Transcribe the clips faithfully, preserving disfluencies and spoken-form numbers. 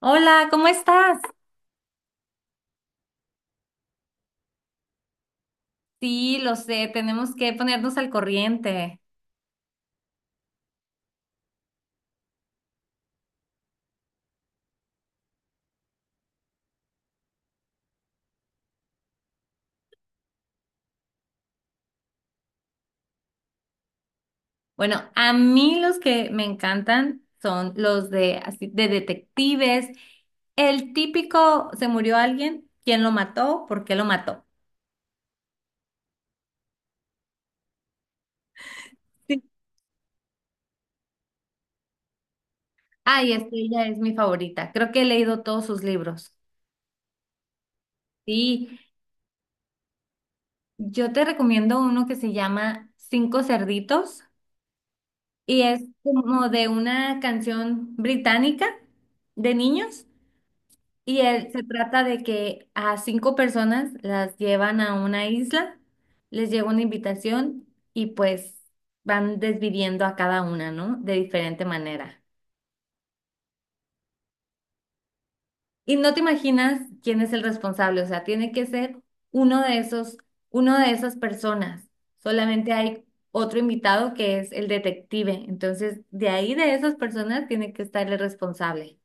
Hola, ¿cómo estás? Sí, lo sé, tenemos que ponernos al corriente. Bueno, a mí los que me encantan son los de, así, de detectives. El típico, ¿se murió alguien? ¿Quién lo mató? ¿Por qué lo mató? Sí. Ay, es que ella es mi favorita. Creo que he leído todos sus libros. Sí, yo te recomiendo uno que se llama Cinco Cerditos y es como de una canción británica de niños. Y él, se trata de que a cinco personas las llevan a una isla, les llega una invitación y pues van desviviendo a cada una, ¿no? De diferente manera. Y no te imaginas quién es el responsable, o sea, tiene que ser uno de esos, uno de esas personas. Solamente hay otro invitado que es el detective. Entonces, de ahí de esas personas tiene que estar el responsable.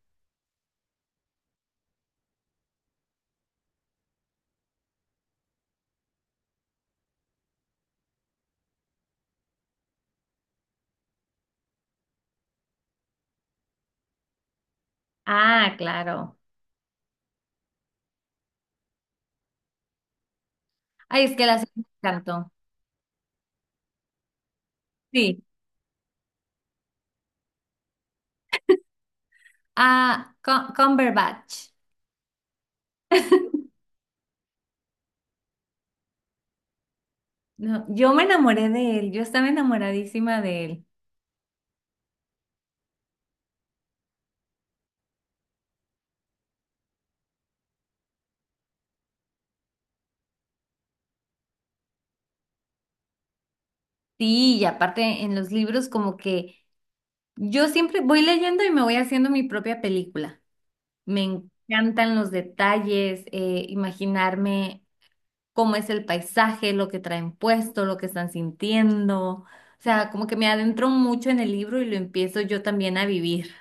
Ah, claro. Ay, es que la serie me encantó. Sí. Ah, Cum- Cumberbatch. No, yo me enamoré de él, yo estaba enamoradísima de él. Sí, y aparte en los libros como que yo siempre voy leyendo y me voy haciendo mi propia película. Me encantan los detalles, eh, imaginarme cómo es el paisaje, lo que traen puesto, lo que están sintiendo. O sea, como que me adentro mucho en el libro y lo empiezo yo también a vivir.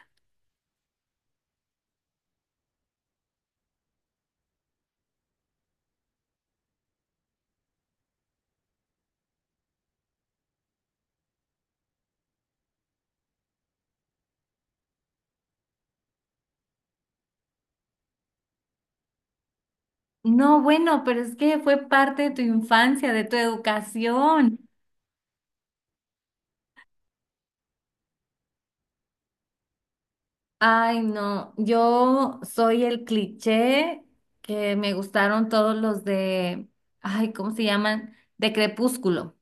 No, bueno, pero es que fue parte de tu infancia, de tu educación. Ay, no, yo soy el cliché que me gustaron todos los de, ay, ¿cómo se llaman? De Crepúsculo.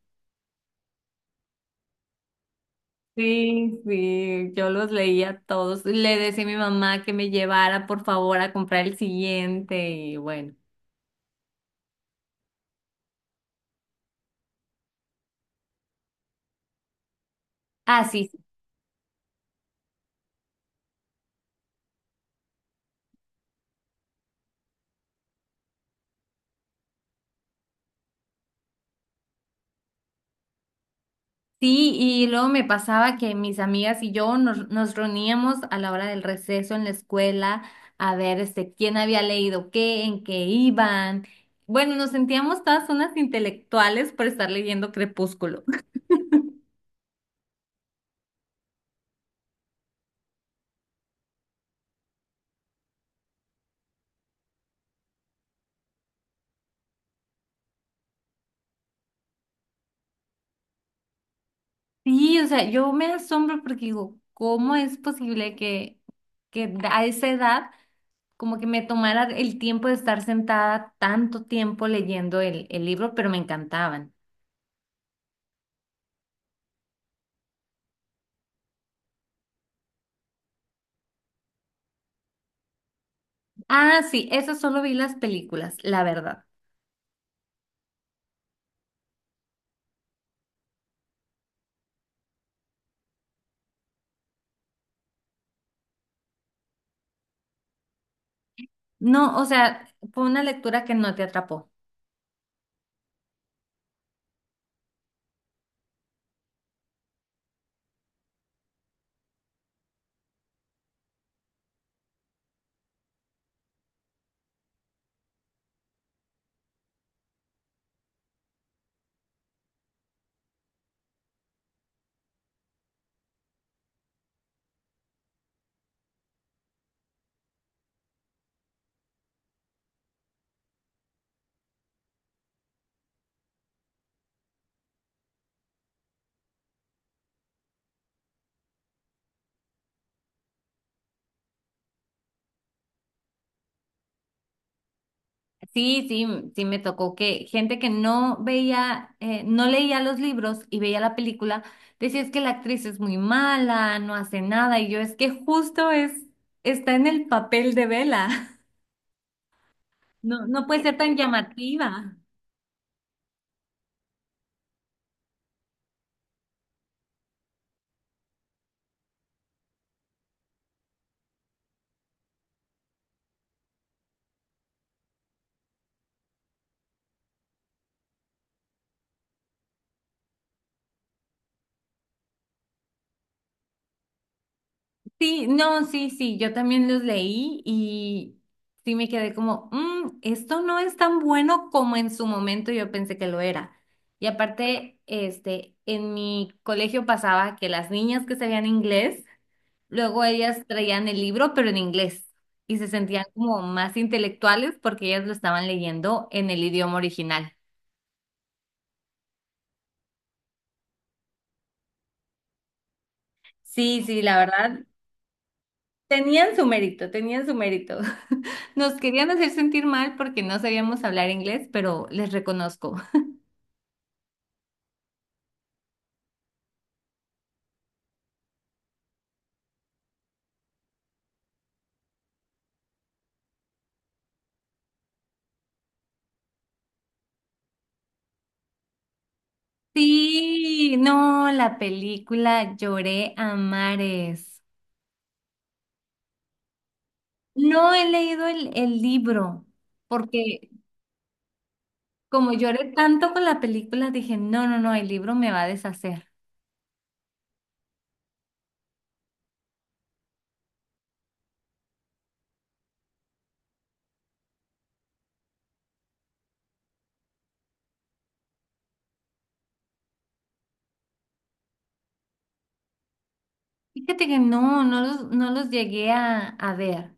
Sí, sí, yo los leía todos. Le decía a mi mamá que me llevara, por favor, a comprar el siguiente y bueno. Ah, sí. Sí, y luego me pasaba que mis amigas y yo nos, nos reuníamos a la hora del receso en la escuela a ver este, quién había leído qué, en qué iban. Bueno, nos sentíamos todas unas intelectuales por estar leyendo Crepúsculo. Sí, o sea, yo me asombro porque digo, ¿cómo es posible que, que a esa edad como que me tomara el tiempo de estar sentada tanto tiempo leyendo el, el libro, pero me encantaban. Ah, sí, eso solo vi las películas, la verdad. No, o sea, fue una lectura que no te atrapó. Sí, sí, m- sí me tocó que gente que no veía, eh, no leía los libros y veía la película, decía es que la actriz es muy mala, no hace nada, y yo es que justo es, está en el papel de Bella. No, no puede ser tan llamativa. Sí, no, sí, sí, yo también los leí y sí me quedé como, "Mm, esto no es tan bueno como en su momento yo pensé que lo era". Y aparte, este, en mi colegio pasaba que las niñas que sabían inglés, luego ellas traían el libro, pero en inglés, y se sentían como más intelectuales porque ellas lo estaban leyendo en el idioma original. Sí, sí, la verdad, tenían su mérito, tenían su mérito. Nos querían hacer sentir mal porque no sabíamos hablar inglés, pero les reconozco. Sí, no, la película lloré a mares. No he leído el, el libro porque como lloré tanto con la película, dije, no, no, no, el libro me va a deshacer. Fíjate que no, no los, no los llegué a, a ver,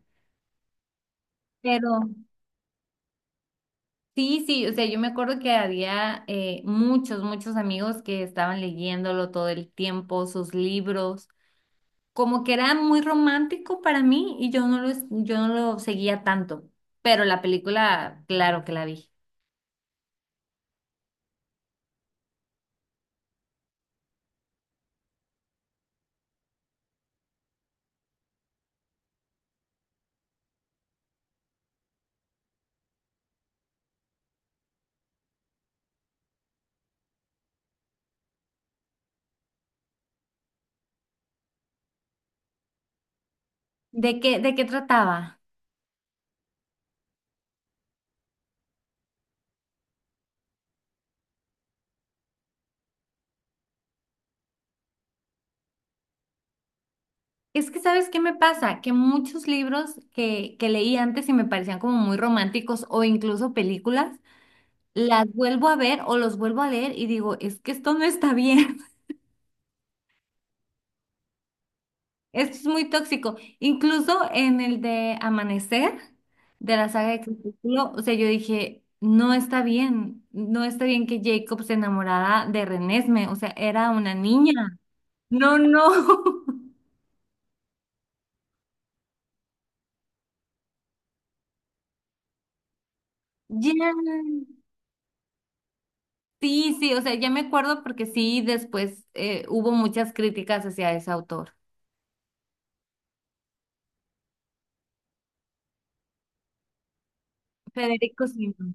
pero sí, sí, o sea, yo me acuerdo que había eh, muchos, muchos amigos que estaban leyéndolo todo el tiempo, sus libros. Como que era muy romántico para mí y yo no lo, yo no lo seguía tanto, pero la película, claro que la vi. ¿De qué, de qué trataba? Es que, ¿sabes qué me pasa? Que muchos libros que, que leí antes y me parecían como muy románticos o incluso películas, las vuelvo a ver o los vuelvo a leer y digo, es que esto no está bien. Esto es muy tóxico. Incluso en el de Amanecer, de la saga de Crepúsculo, o sea, yo dije, no está bien, no está bien que Jacob se enamorara de Renesme, o sea, era una niña. No, no. Ya. Sí, sí, o sea, ya me acuerdo porque sí, después eh, hubo muchas críticas hacia ese autor. Federico Simón.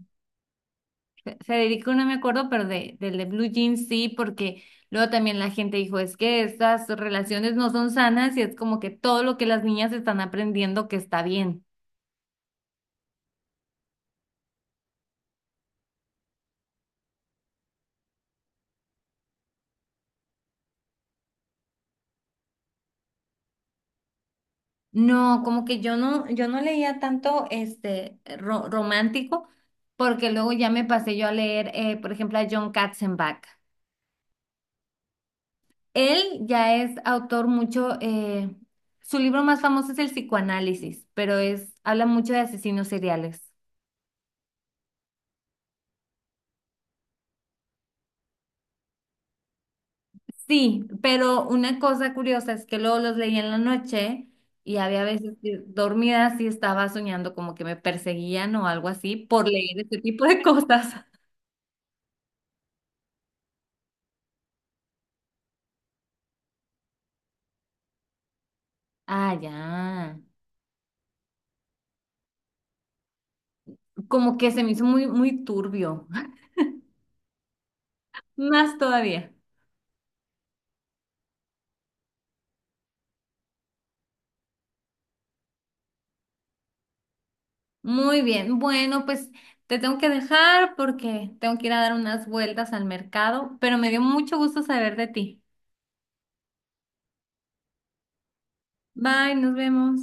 Federico no me acuerdo, pero de, del de Blue Jeans sí, porque luego también la gente dijo, es que estas relaciones no son sanas y es como que todo lo que las niñas están aprendiendo que está bien. No, como que yo no, yo no leía tanto este ro- romántico, porque luego ya me pasé yo a leer, eh, por ejemplo, a John Katzenbach. Él ya es autor mucho, eh, su libro más famoso es El psicoanálisis, pero es, habla mucho de asesinos seriales. Sí, pero una cosa curiosa es que luego los leí en la noche y había veces que dormida sí estaba soñando como que me perseguían o algo así por leer este tipo de cosas. Ah, ya. Como que se me hizo muy, muy turbio. Más todavía. Muy bien. Bueno, pues te tengo que dejar porque tengo que ir a dar unas vueltas al mercado, pero me dio mucho gusto saber de ti. Bye, nos vemos.